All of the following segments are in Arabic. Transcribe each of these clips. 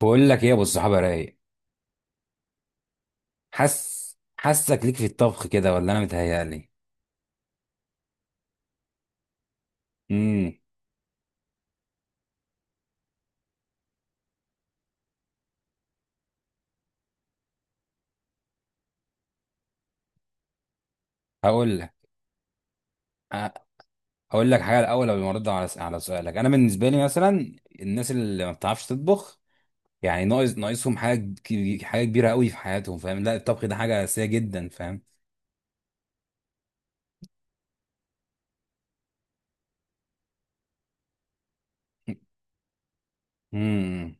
بقول لك ايه يا ابو الصحابه؟ رايق؟ حس حاسك ليك في الطبخ كده ولا انا متهيألي؟ امم هقول لك. أ- هقول لك حاجه الاول قبل ما ارد على على سؤالك. انا بالنسبه لي مثلا الناس اللي ما بتعرفش تطبخ، يعني ناقصهم حاجه حاجه كبيره قوي في حياتهم، فاهم؟ لا، الطبخ ده حاجه اساسيه جدا، فاهم؟ امم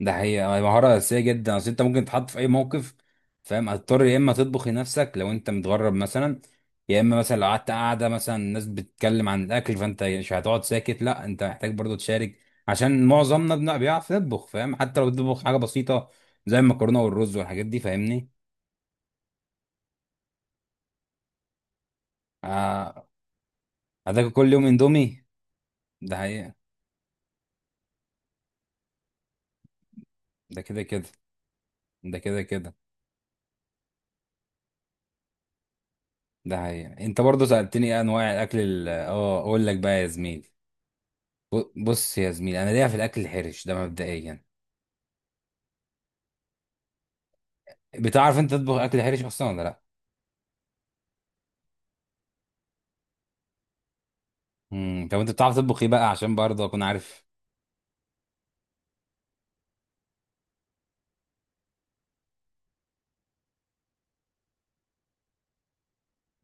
ده حقيقة، مهارة أساسية جدا. أصل أنت ممكن تتحط في أي موقف، فاهم، هتضطر يا إما تطبخ لنفسك لو أنت متغرب مثلا، يا إما مثلا لو قعدت قاعدة، مثلا الناس بتتكلم عن الأكل فأنت مش هتقعد ساكت، لا أنت محتاج برضو تشارك. عشان معظمنا بيعرف يطبخ، فاهم، حتى لو بتطبخ حاجة بسيطة زي المكرونة والرز والحاجات دي، فاهمني. آه، هتاكل كل يوم إندومي. ده حقيقة. ده كده كده. ده كده كده. ده حقيقة. أنت برضو سألتني إيه أنواع الأكل، ال- أه أقول لك بقى يا زميلي. بص يا زميلي، انا ليا في الاكل الحرش ده مبدئيا. بتعرف انت تطبخ اكل حرش اصلا ولا لا؟ طب انت بتعرف تطبخ ايه بقى عشان برضه اكون عارف.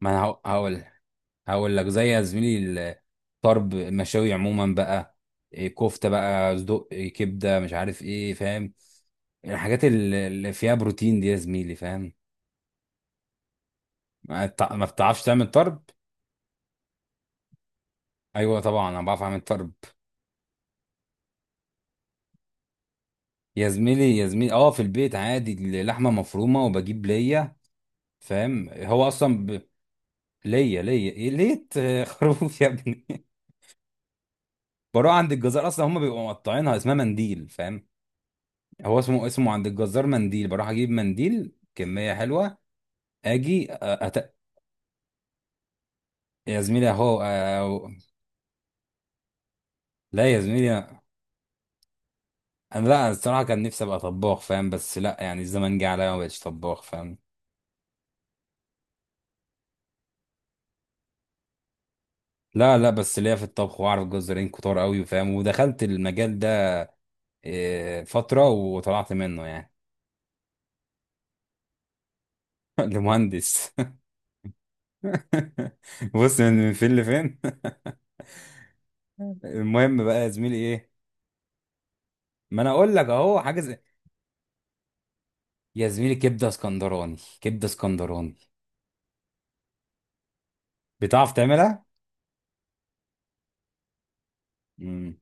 ما انا هق- هقول. هقول لك زي، يا زميلي، الطرب المشاوي عموما بقى، إيه، كفته بقى صدق، إيه، كبده، مش عارف ايه، فاهم. الحاجات اللي فيها بروتين دي يا زميلي، فاهم. ما بتعرفش تعمل طرب؟ ايوه طبعا، انا بعرف اعمل طرب. يا زميلي، اه، في البيت عادي، لحمه مفرومه وبجيب ليا، فاهم. هو اصلا ليا إيه؟ ليه خروف يا ابني. بروح عند الجزار، اصلا هم بيبقوا مقطعينها اسمها منديل، فاهم. هو اسمه عند الجزار منديل، بروح اجيب منديل كميه حلوه. اجي أ- أت... يا زميلي، لا يا زميلي، انا، لا الصراحه كان نفسي ابقى طباخ، فاهم، بس لا يعني الزمن جه عليا ما بقتش طباخ، فاهم. لا لا، بس ليا في الطبخ واعرف جزارين كتار قوي، فاهم، ودخلت المجال ده، إيه، فتره وطلعت منه يعني. لمهندس. بص من فين لفين. المهم بقى يا زميلي، ايه، ما انا اقول لك اهو حاجه زي، يا زميلي، كبده اسكندراني، كبده اسكندراني. بتعرف تعملها؟ امم.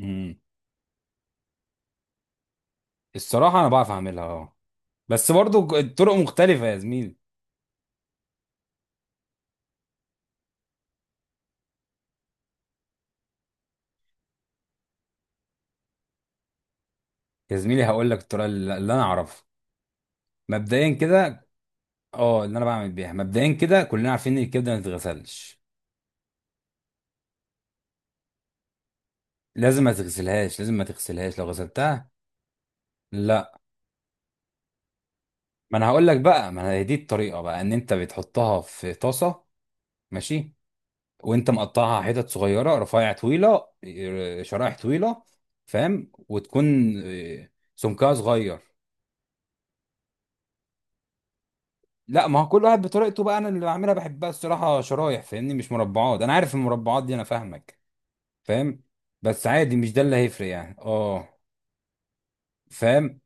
امم. الصراحه انا بعرف اعملها، اه، بس برضو الطرق مختلفه يا زميلي. يا زميلي هقول لك الطريقه اللي انا اعرفها، مبدئيا كده. اه، اللي انا بعمل بيها مبدئيا كده، كلنا عارفين ان الكبده ما تتغسلش. لازم ما تغسلهاش، لازم ما تغسلهاش لو غسلتها. لا، ما انا هقول لك بقى ما انا هي دي الطريقه بقى، ان انت بتحطها في طاسه، ماشي، وانت مقطعها حتت صغيره، رفيع طويله، إيه، شرائح طويله، فاهم، وتكون، إيه، سمكها صغير. لا، ما هو كل واحد بطريقته بقى، انا اللي بعملها بحبها الصراحه شرايح، فاهمني، مش مربعات، انا عارف المربعات دي، انا فاهمك، فاهم، بس عادي مش ده اللي هيفرق يعني، اه، فاهم.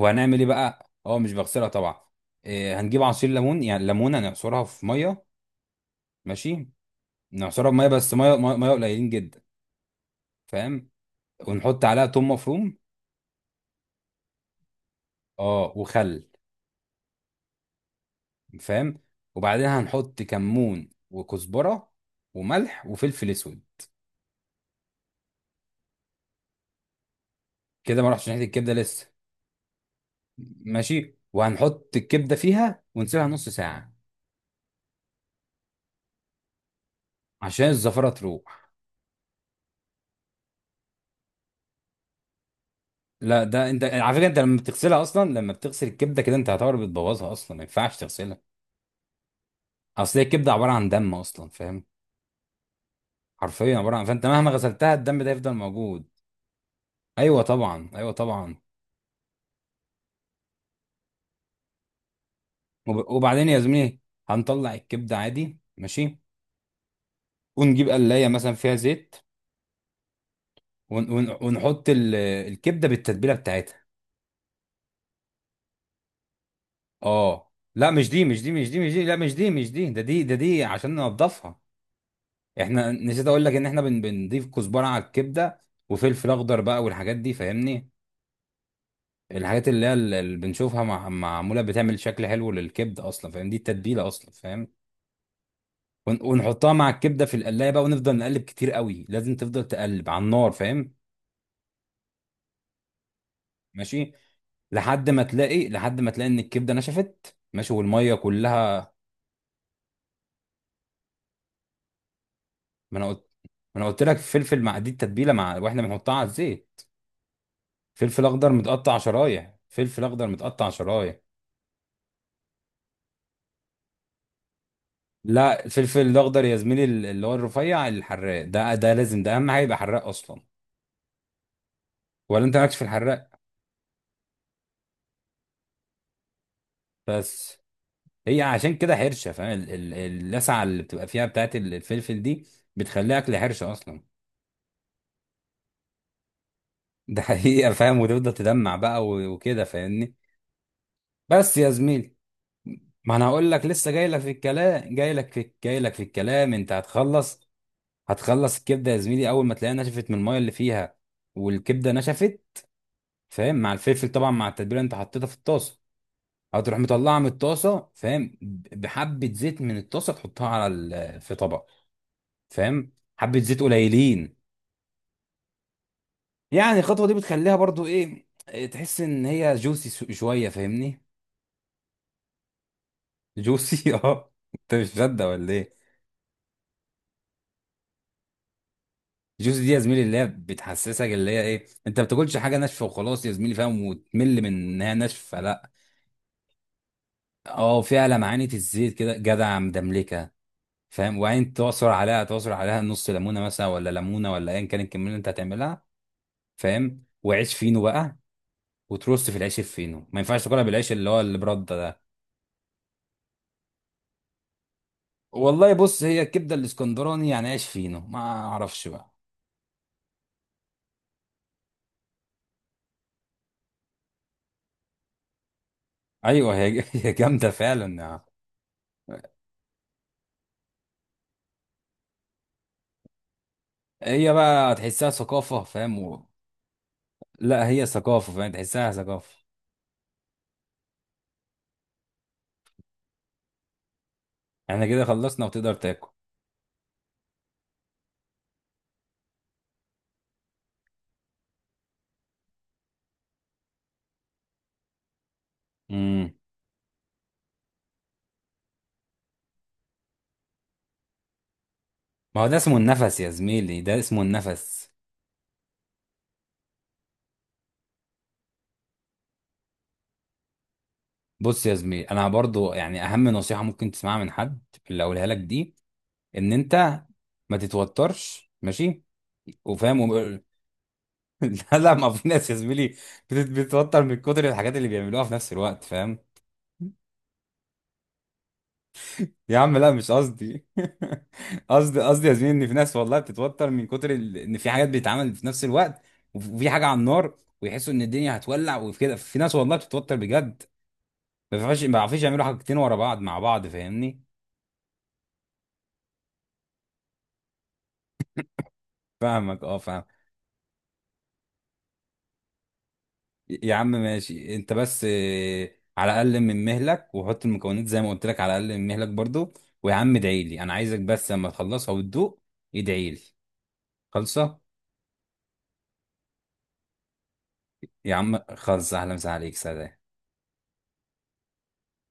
وهنعمل ايه بقى؟ اه، مش بغسلها طبعا، إيه، هنجيب عصير ليمون، يعني ليمونه نعصرها في ميه، ماشي، نعصرها بميه بس، ميه مية قليلين جدا، فاهم. ونحط عليها توم مفروم، اه، وخل، فاهم، وبعدين هنحط كمون وكزبره وملح وفلفل اسود. كده ما رحتش ناحيه الكبده لسه، ماشي، وهنحط الكبده فيها ونسيبها نص ساعه عشان الزفره تروح. لا، ده انت على فكره، انت لما بتغسلها اصلا، لما بتغسل الكبده كده انت هتعتبر بتبوظها اصلا، ما ينفعش تغسلها. اصل هي الكبده عباره عن دم اصلا، فاهم، حرفيا عباره عن، فانت مهما غسلتها الدم ده يفضل موجود. ايوه طبعا، ايوه طبعا. وبعدين يا زميلي هنطلع الكبده عادي، ماشي، ونجيب قلايه مثلا فيها زيت. ون ون ونحط الكبده بالتتبيله بتاعتها. اه، لا مش دي، مش دي، مش دي، مش دي، لا مش دي، مش دي، ده دي، ده دي عشان ننضفها. احنا، نسيت اقول لك ان احنا بنضيف كزبره على الكبده وفلفل اخضر بقى والحاجات دي، فاهمني، الحاجات اللي هي اللي بنشوفها مع معموله بتعمل شكل حلو للكبده اصلا، فاهم، دي التتبيله اصلا، فاهم. ونحطها مع الكبده في القلايه بقى، ونفضل نقلب كتير قوي، لازم تفضل تقلب على النار، فاهم، ماشي، لحد ما تلاقي ان الكبده نشفت، ماشي، والميه كلها. ما انا قلت ما انا قلت لك فلفل مع دي التتبيله، مع واحنا بنحطها على الزيت، فلفل اخضر متقطع شرايح، فلفل اخضر متقطع شرايح. لا، الفلفل الاخضر يا زميلي، اللي هو الرفيع الحراق ده، ده لازم، ده اهم حاجه يبقى حراق اصلا. ولا انت مالكش في الحراق؟ بس، هي عشان كده حرشه، فاهم، اللسعه اللي بتبقى فيها بتاعت الفلفل دي بتخليها اكل حرشه اصلا. ده حقيقه، فاهم، وتفضل تدمع بقى وكده، فاهمني. بس يا زميلي ما انا هقول لك لسه جاي لك في الكلام، جاي لك في الكلام، انت هتخلص. هتخلص الكبده يا زميلي اول ما تلاقيها نشفت من الميه اللي فيها، والكبده نشفت، فاهم، مع الفلفل طبعا، مع التتبيله اللي انت حطيتها في الطاسه، هتروح مطلعها من الطاسه، فاهم، بحبه زيت من الطاسه تحطها على في طبق، فاهم، حبه زيت قليلين. يعني الخطوه دي بتخليها برضو إيه، تحس ان هي جوسي شويه، فاهمني. جوسي؟ اه، انت مش مصدق ولا ايه؟ الجوز دي يا زميلي اللي هي بتحسسك، اللي هي ايه، انت ما بتاكلش حاجه ناشفه وخلاص يا زميلي، فاهم، وتمل من انها ناشفه، لا، اه، فيها لمعانه الزيت كده جدع، مدملكه، فاهم، وبعدين تعصر عليها نص ليمونه مثلا، ولا ليمونه، ولا ايا كان الكميه اللي انت هتعملها، فاهم، وعيش فينو بقى، وترص في العيش الفينو. ما ينفعش تاكلها بالعيش اللي برده ده. والله بص، هي الكبده الاسكندراني يعني عيش فينو، ما اعرفش بقى. ايوه، هي هي جامده فعلا. هي بقى تحسها ثقافه، فاهم، لا هي ثقافة، فاهم، تحسها ثقافة. احنا كده خلصنا وتقدر تاكل. امم ما هو ده اسمه النفس يا زميلي، ده اسمه النفس. بص يا زميلي، انا برضو يعني اهم نصيحة ممكن تسمعها من حد اللي اقولها لك دي، ان انت ما تتوترش، ماشي، وفاهم لا لا، ما، في ناس يا زميلي بتتوتر من كتر الحاجات اللي بيعملوها في نفس الوقت، فاهم. يا عم لا مش قصدي. قصدي يا زميلي ان في ناس والله بتتوتر من كتر ان في حاجات بيتعمل في نفس الوقت، وفي حاجه على النار، ويحسوا ان الدنيا هتولع وكده، في ناس والله بتتوتر بجد. ما بيعرفوش يعملوا حاجتين ورا بعض مع بعض، فاهمني. فاهمك، اه، فاهم. يا عم ماشي، انت بس، على الاقل من مهلك وحط المكونات زي ما قلت لك، على الاقل من مهلك برضو. ويا عم ادعي لي، انا عايزك بس لما تخلصها وتدوق، ادعي لي، خلصه. يا عم خلص، اهلا وسهلا عليك، سلام.